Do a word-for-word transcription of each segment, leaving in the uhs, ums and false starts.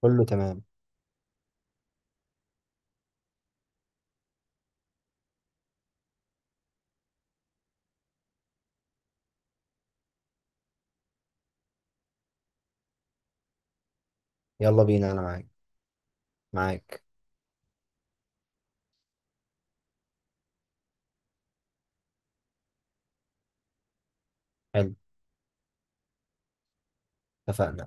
كله تمام. يلا بينا انا معاك. معاك. حلو. اتفقنا.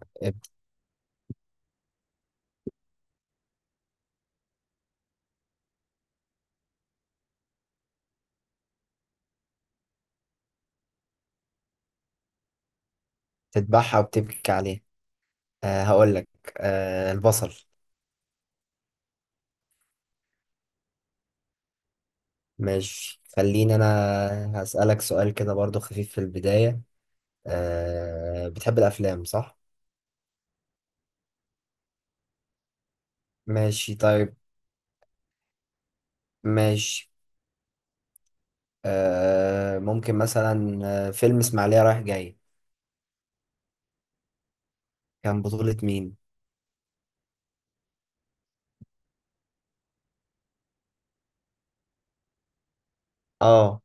بتذبحها وبتبكي عليها. أه هقول لك. أه، البصل. ماشي، خليني انا هسألك سؤال كده برضو خفيف في البداية. أه، بتحب الافلام صح؟ ماشي طيب. ماشي. أه ممكن مثلا آه، فيلم اسماعيلية رايح جاي، كان بطولة مين؟ اه،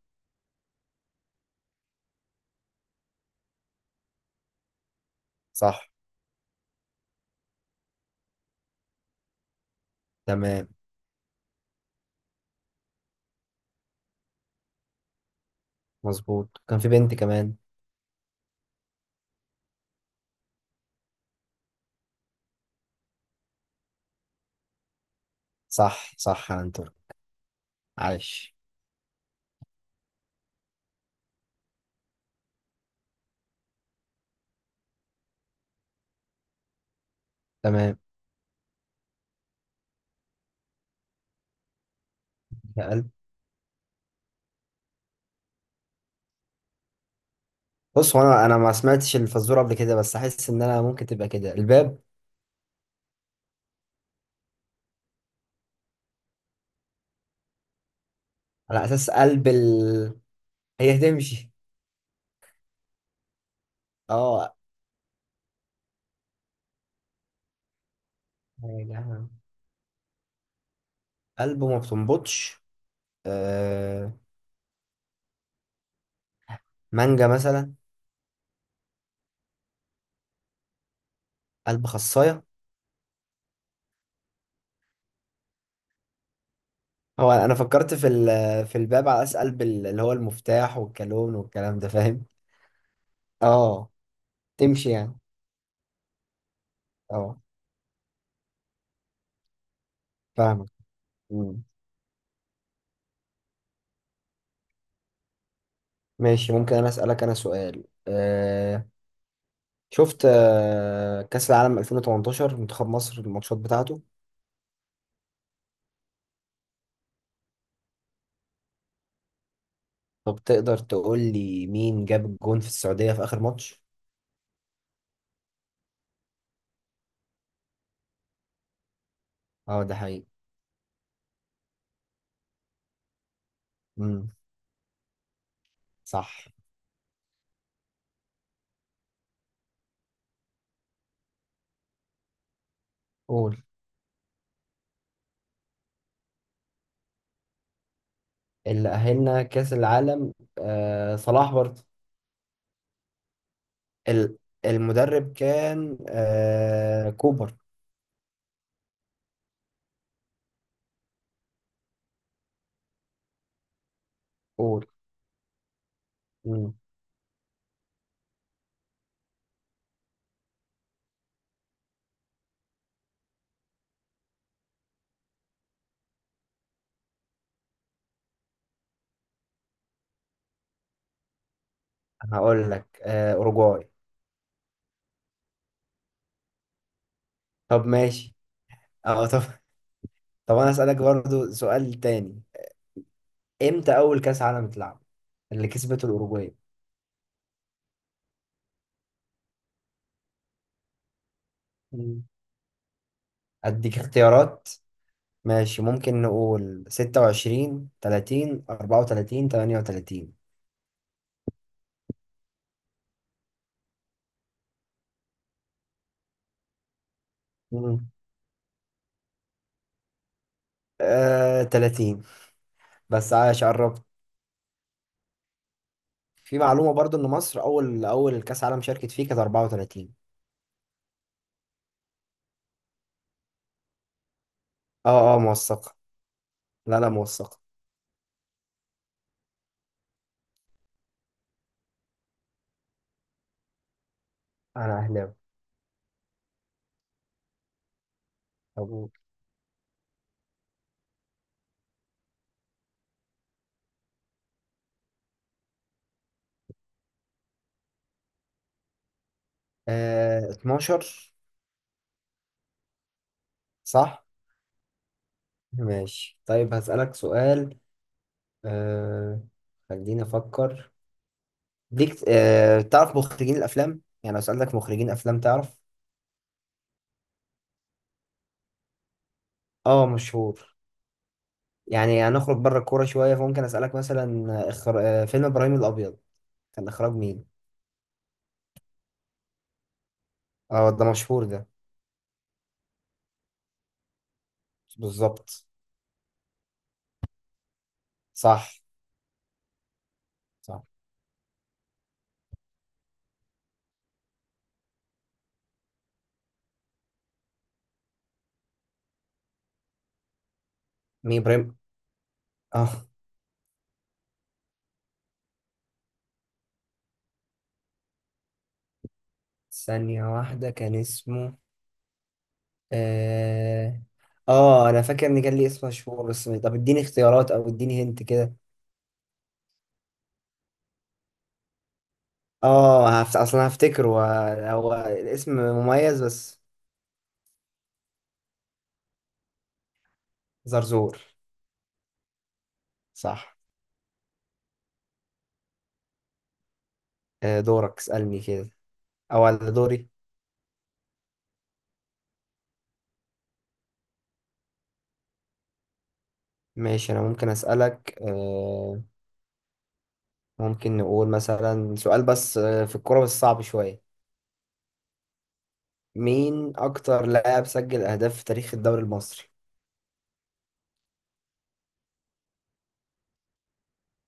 صح. تمام. مظبوط، كان في بنت كمان. صح صح يا عنتر. عاش. تمام. بص، هو انا انا ما سمعتش الفزوره قبل كده بس احس ان انا ممكن تبقى كده الباب، على اساس قلب ال... هي هتمشي. اه، يا جماعة. قلب ما بتنبضش. آه... مانجا مثلا. قلب خصايه. هو انا فكرت في ال... في الباب، على اساس قلب ال- اللي هو المفتاح والكالون والكلام ده، فاهم. اه، تمشي يعني. اه، فاهمك. مم. ماشي، ممكن انا اسالك انا سؤال. آه... شفت آه... كاس العالم ألفين وتمنتاشر منتخب مصر، الماتشات بتاعته؟ طب تقدر تقول لي مين جاب الجون في السعودية في آخر ماتش؟ اه، ده حقيقي. امم. صح. قول. اللي أهلنا كأس العالم آه صلاح برضه. ال- المدرب كان آه كوبر. قول. امم. هقول لك آه أوروجواي. طب ماشي. اه، طب. طب أنا أسألك برضه سؤال تاني، امتى أول كأس عالم اتلعب اللي كسبته الأوروجواي؟ مم. أديك اختيارات. ماشي، ممكن نقول ستة وعشرين، تلاتين، أربعة وتلاتين، تمانية وتلاتين. مم. آه، تلاتين. بس عايش قربت. في معلومة برضو إن مصر أول أول كأس عالم شاركت فيه كانت أربعة وتلاتين. أه أه، موثقة. لا لا، موثقة. أنا أهلاوي. أبوك. آه اتناشر. صح. ماشي طيب، هسألك سؤال. آه خليني أفكر ليك. آه تعرف مخرجين الأفلام؟ يعني لو سألتك مخرجين أفلام تعرف؟ أه، مشهور. يعني هنخرج بره الكورة شوية، فممكن أسألك مثلا آه، إخر... آه، فيلم إبراهيم الأبيض كان إخراج مين؟ اه، ده مشهور ده. بالظبط. صح. صح. مين إبراهيم؟ اه. ثانية واحدة، كان اسمه. اه. اه، أنا فاكر إن كان لي اسم مشهور، بس طب اديني اختيارات أو اديني هنت كده. اه هفت... أصلا هفتكره. هو، هو الاسم مميز بس. زرزور. صح. آه، دورك اسألني كده. أو على دوري. ماشي، أنا ممكن أسألك آه، ممكن نقول مثلا سؤال، بس آه، في الكورة، بس صعب شوية. مين أكتر لاعب سجل أهداف في تاريخ الدوري المصري؟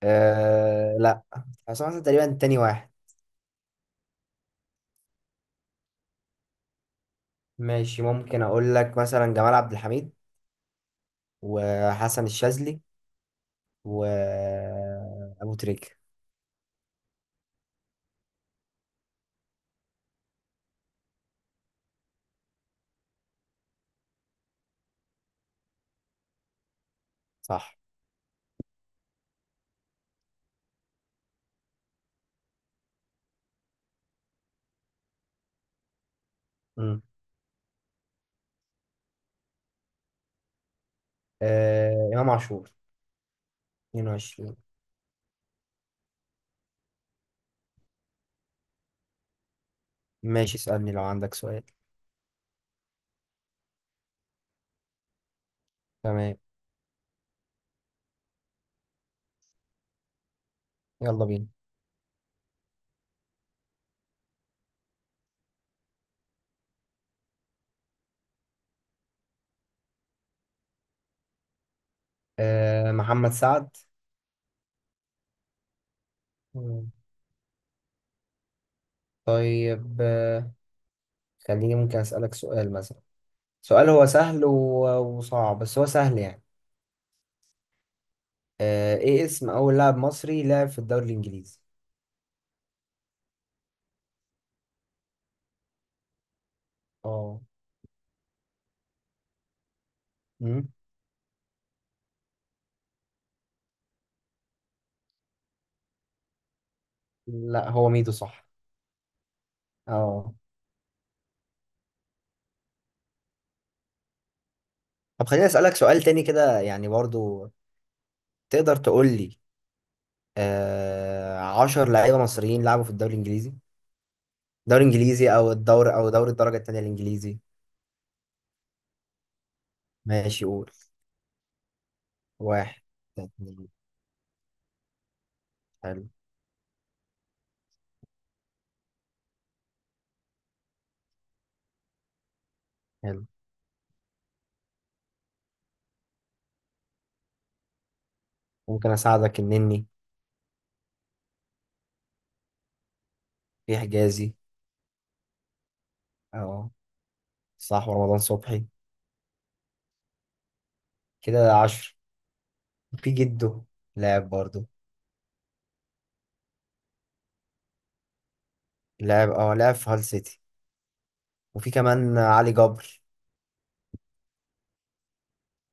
أه لا. حسام حسن تقريبا تاني واحد. ماشي، ممكن أقول لك مثلا جمال عبد الحميد، وحسن الشاذلي، وأبو تريكة. صح. مم. أه إمام عاشور، اتنين وعشرين. ماشي، اسألني لو عندك سؤال. تمام. يلا بينا. أه، محمد سعد. مم. طيب، آه، خليني ممكن أسألك سؤال مثلا، سؤال هو سهل و- وصعب، بس هو سهل يعني. آه، ايه اسم اول لاعب مصري لعب في الدوري الانجليزي؟ اه. مم؟ لا، هو ميدو صح. اه. طب خليني اسالك سؤال تاني كده، يعني برضو، تقدر تقول لي آه عشر لعيبه مصريين لعبوا في الدوري الانجليزي؟ الدوري الانجليزي، او الدور او دوري الدرجه التانيه الانجليزي. ماشي، قول. واحد. اتنين. حلو. حلو. ممكن اساعدك، النني. في حجازي. اه. صح، ورمضان صبحي. كده عشر. في جده، لاعب برضه. لاعب اه لاعب في هال سيتي. وفي كمان علي جبر.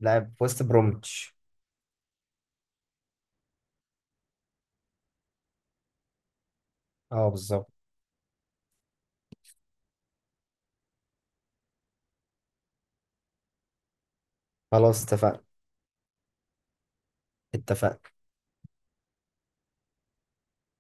لاعب في وست برومتش. اه، بالظبط. خلاص اتفقنا. اتفقنا.